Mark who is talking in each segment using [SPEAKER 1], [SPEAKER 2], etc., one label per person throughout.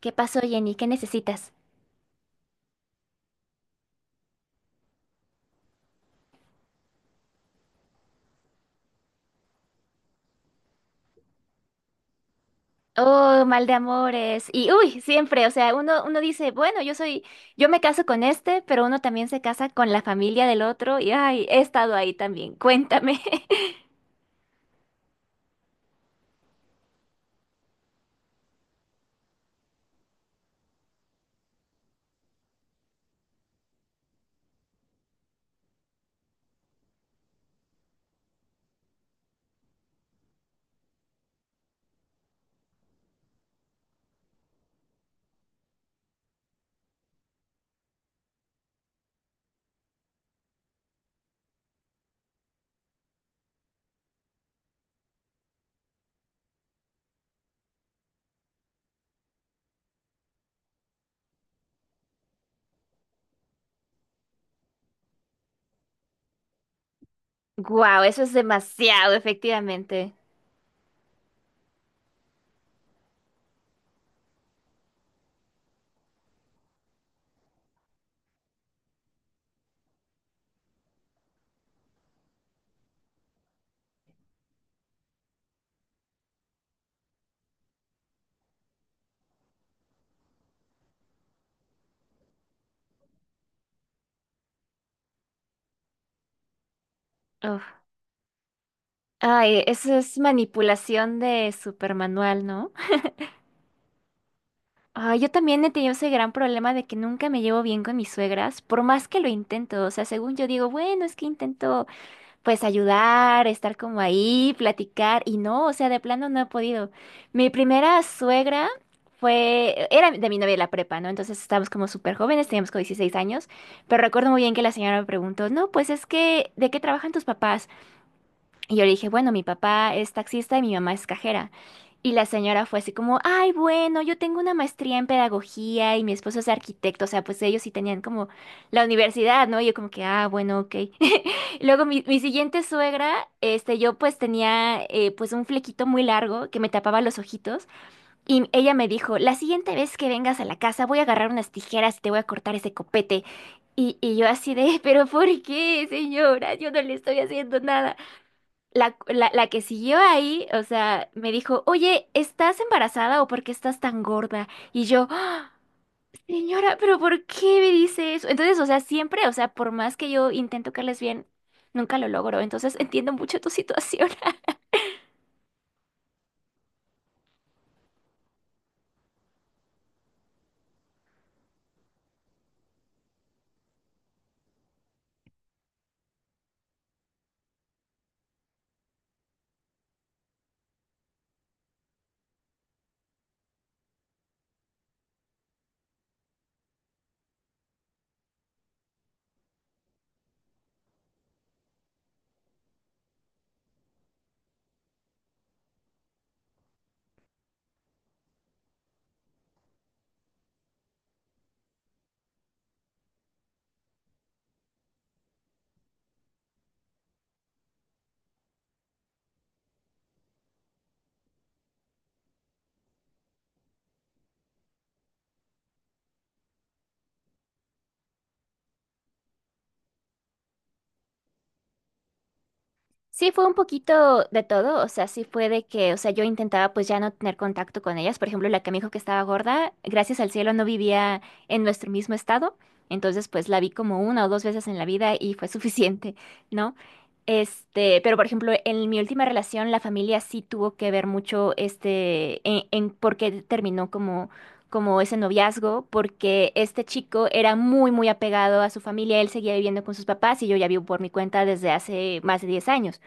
[SPEAKER 1] ¿Qué pasó, Jenny? ¿Qué necesitas? Oh, mal de amores. Y uy, siempre, o sea, uno dice, bueno, yo soy, yo me caso con este, pero uno también se casa con la familia del otro. Y ay, he estado ahí también. Cuéntame. Wow, eso es demasiado, efectivamente. Uf. Ay, eso es manipulación de supermanual, ¿no? Ay, yo también he tenido ese gran problema de que nunca me llevo bien con mis suegras, por más que lo intento. O sea, según yo digo, bueno, es que intento, pues ayudar, estar como ahí, platicar y no, o sea, de plano no he podido. Mi primera suegra era de mi novia de la prepa, ¿no? Entonces estábamos como súper jóvenes, teníamos como 16 años, pero recuerdo muy bien que la señora me preguntó, no, pues es que, ¿de qué trabajan tus papás? Y yo le dije, bueno, mi papá es taxista y mi mamá es cajera. Y la señora fue así como, ay, bueno, yo tengo una maestría en pedagogía y mi esposo es arquitecto, o sea, pues ellos sí tenían como la universidad, ¿no? Y yo como que, ah, bueno, ok. Luego mi siguiente suegra, yo pues tenía pues un flequito muy largo que me tapaba los ojitos y ella me dijo, la siguiente vez que vengas a la casa voy a agarrar unas tijeras y te voy a cortar ese copete. Y yo así de, pero ¿por qué, señora? Yo no le estoy haciendo nada. La que siguió ahí, o sea, me dijo, oye, ¿estás embarazada o por qué estás tan gorda? Y yo, "Ah, señora, pero ¿por qué me dice eso?" Entonces, o sea, siempre, o sea, por más que yo intento caerles bien, nunca lo logro. Entonces, entiendo mucho tu situación. Sí, fue un poquito de todo, o sea, sí fue de que, o sea, yo intentaba pues ya no tener contacto con ellas, por ejemplo, la que me dijo que estaba gorda, gracias al cielo no vivía en nuestro mismo estado, entonces pues la vi como una o dos veces en la vida y fue suficiente, ¿no? Pero por ejemplo, en mi última relación la familia sí tuvo que ver mucho en por qué terminó como ese noviazgo, porque este chico era muy muy apegado a su familia, él seguía viviendo con sus papás y yo ya vivo por mi cuenta desde hace más de 10 años.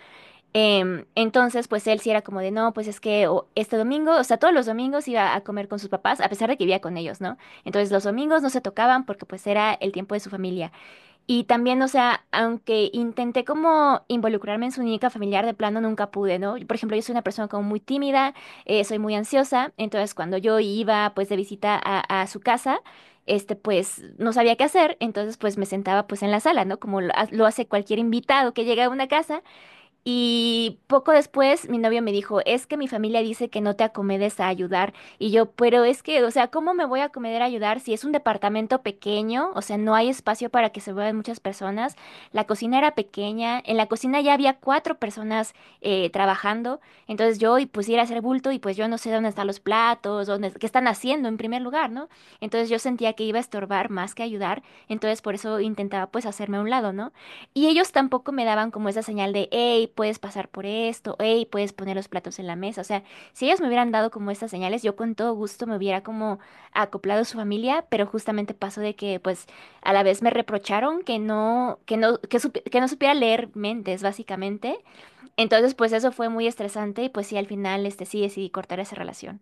[SPEAKER 1] Entonces, pues él sí era como de, no, pues es que este domingo, o sea, todos los domingos iba a comer con sus papás, a pesar de que vivía con ellos, ¿no? Entonces los domingos no se tocaban porque pues era el tiempo de su familia. Y también, o sea, aunque intenté como involucrarme en su única familiar, de plano nunca pude, ¿no? Por ejemplo, yo soy una persona como muy tímida, soy muy ansiosa, entonces cuando yo iba pues de visita a su casa, pues no sabía qué hacer, entonces pues me sentaba pues en la sala, ¿no? Como lo hace cualquier invitado que llega a una casa. Y poco después mi novio me dijo, es que mi familia dice que no te acomedes a ayudar. Y yo, pero es que, o sea, ¿cómo me voy a acomodar a ayudar si es un departamento pequeño? O sea, no hay espacio para que se vean muchas personas. La cocina era pequeña, en la cocina ya había cuatro personas trabajando. Entonces yo y pusiera a hacer bulto y pues yo no sé dónde están los platos, dónde, qué están haciendo en primer lugar, ¿no? Entonces yo sentía que iba a estorbar más que ayudar. Entonces por eso intentaba pues hacerme a un lado, ¿no? Y ellos tampoco me daban como esa señal de, hey, puedes pasar por esto, hey, puedes poner los platos en la mesa. O sea, si ellos me hubieran dado como estas señales, yo con todo gusto me hubiera como acoplado a su familia, pero justamente pasó de que, pues, a la vez me reprocharon que no supiera leer mentes, básicamente. Entonces, pues eso fue muy estresante y pues sí, al final, sí decidí cortar esa relación.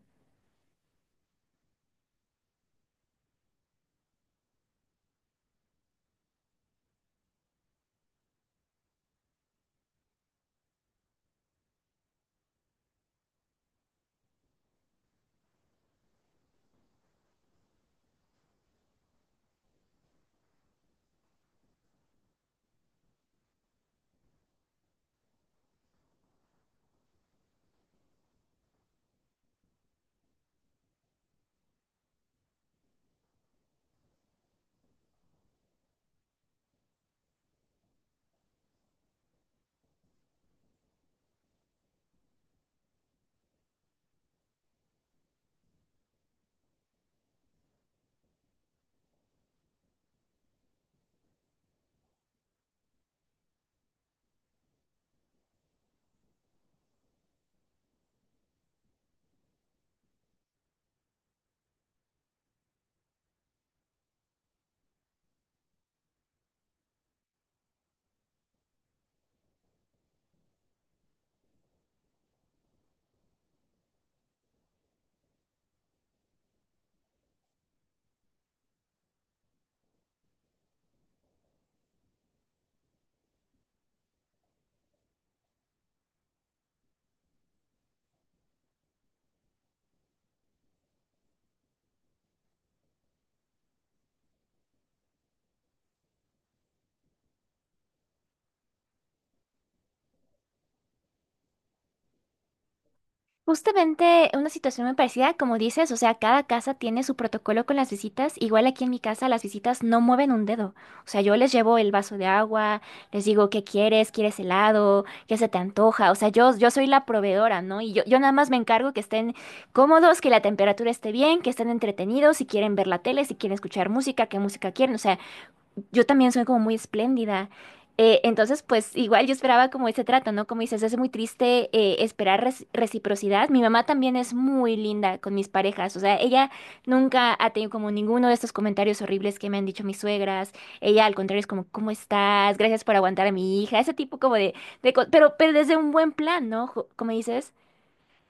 [SPEAKER 1] Justamente una situación muy parecida, como dices, o sea, cada casa tiene su protocolo con las visitas. Igual aquí en mi casa las visitas no mueven un dedo. O sea, yo les llevo el vaso de agua, les digo qué quieres, quieres helado, qué se te antoja. O sea, yo soy la proveedora, ¿no? Y yo nada más me encargo que estén cómodos, que la temperatura esté bien, que estén entretenidos, si quieren ver la tele, si quieren escuchar música, qué música quieren. O sea, yo también soy como muy espléndida. Entonces, pues igual yo esperaba como ese trato, ¿no? Como dices, es muy triste esperar reciprocidad. Mi mamá también es muy linda con mis parejas, o sea, ella nunca ha tenido como ninguno de estos comentarios horribles que me han dicho mis suegras. Ella al contrario es como, ¿cómo estás? Gracias por aguantar a mi hija, ese tipo como de, pero desde un buen plan, ¿no? Como dices.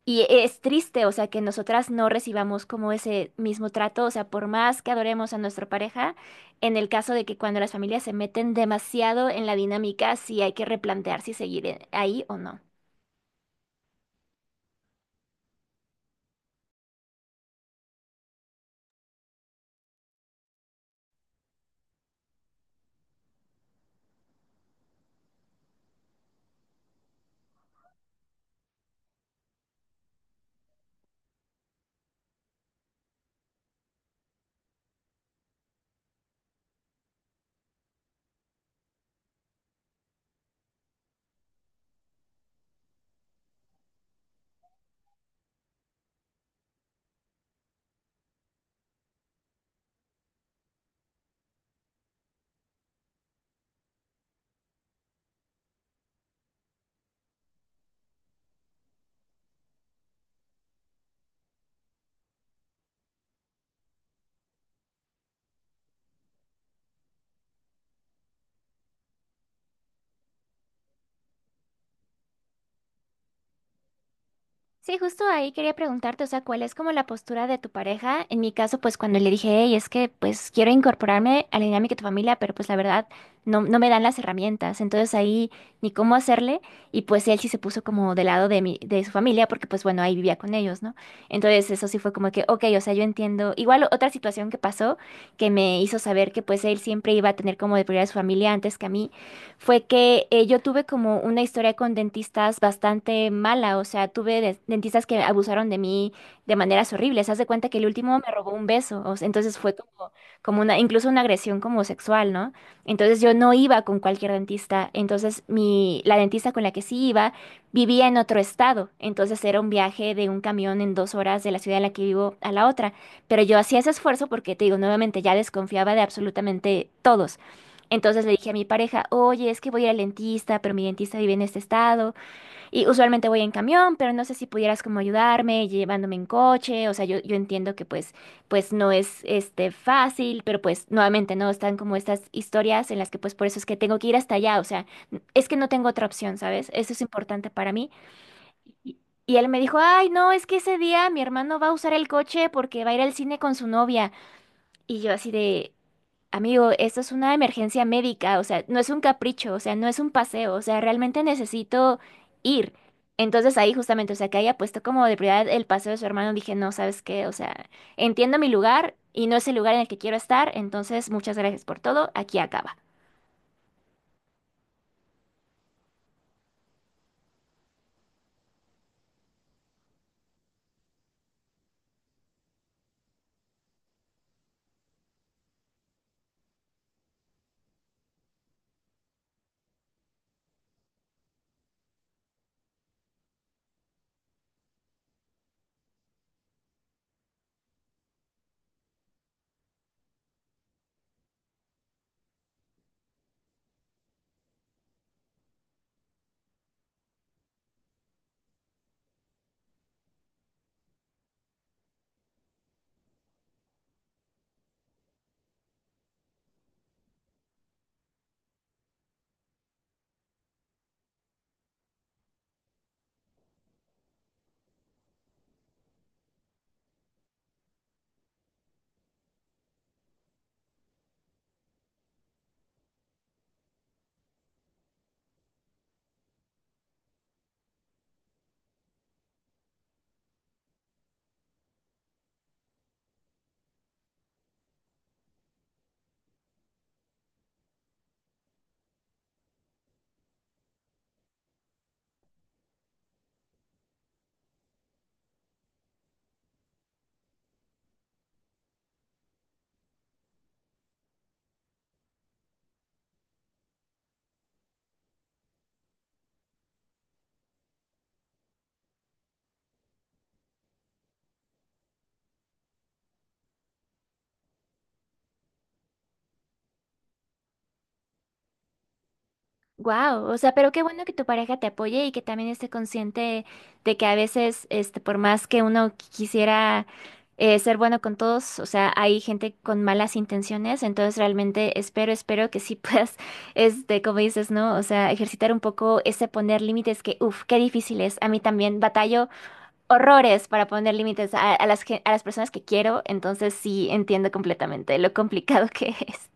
[SPEAKER 1] Y es triste, o sea, que nosotras no recibamos como ese mismo trato, o sea, por más que adoremos a nuestra pareja, en el caso de que cuando las familias se meten demasiado en la dinámica, sí hay que replantear si seguir ahí o no. Sí, justo ahí quería preguntarte, o sea, ¿cuál es como la postura de tu pareja? En mi caso, pues cuando le dije, hey, es que pues quiero incorporarme a la dinámica de tu familia, pero pues la verdad no me dan las herramientas, entonces ahí ni cómo hacerle, y pues él sí se puso como del lado de de su familia, porque pues bueno, ahí vivía con ellos, ¿no? Entonces eso sí fue como que, ok, o sea, yo entiendo, igual otra situación que pasó que me hizo saber que pues él siempre iba a tener como de prioridad a su familia antes que a mí, fue que yo tuve como una historia con dentistas bastante mala, o sea, tuve dentistas que abusaron de mí de maneras horribles. Haz de cuenta que el último me robó un beso, o sea, entonces fue como una, incluso una agresión como sexual, ¿no? Entonces yo no iba con cualquier dentista, entonces la dentista con la que sí iba vivía en otro estado, entonces era un viaje de un camión en 2 horas de la ciudad en la que vivo a la otra, pero yo hacía ese esfuerzo porque te digo, nuevamente ya desconfiaba de absolutamente todos. Entonces le dije a mi pareja, oye, es que voy a ir al dentista, pero mi dentista vive en este estado y usualmente voy en camión, pero no sé si pudieras como ayudarme llevándome en coche, o sea, yo entiendo que pues, pues no es fácil, pero pues nuevamente no están como estas historias en las que pues por eso es que tengo que ir hasta allá, o sea, es que no tengo otra opción, ¿sabes? Eso es importante para mí. Y y él me dijo, ay, no, es que ese día mi hermano va a usar el coche porque va a ir al cine con su novia. Y yo así de, amigo, esto es una emergencia médica, o sea, no es un capricho, o sea, no es un paseo, o sea, realmente necesito ir. Entonces ahí justamente, o sea, que haya puesto como de prioridad el paseo de su hermano, dije, no, ¿sabes qué? O sea, entiendo mi lugar y no es el lugar en el que quiero estar, entonces muchas gracias por todo, aquí acaba. Wow, o sea, pero qué bueno que tu pareja te apoye y que también esté consciente de que a veces, por más que uno quisiera ser bueno con todos, o sea, hay gente con malas intenciones, entonces realmente espero, espero que sí puedas, como dices, ¿no? O sea, ejercitar un poco ese poner límites que, uff, qué difícil es. A mí también batallo horrores para poner límites a, a las personas que quiero, entonces sí entiendo completamente lo complicado que es.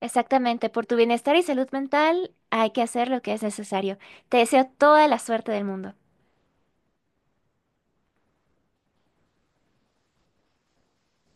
[SPEAKER 1] Exactamente, por tu bienestar y salud mental hay que hacer lo que es necesario. Te deseo toda la suerte del mundo.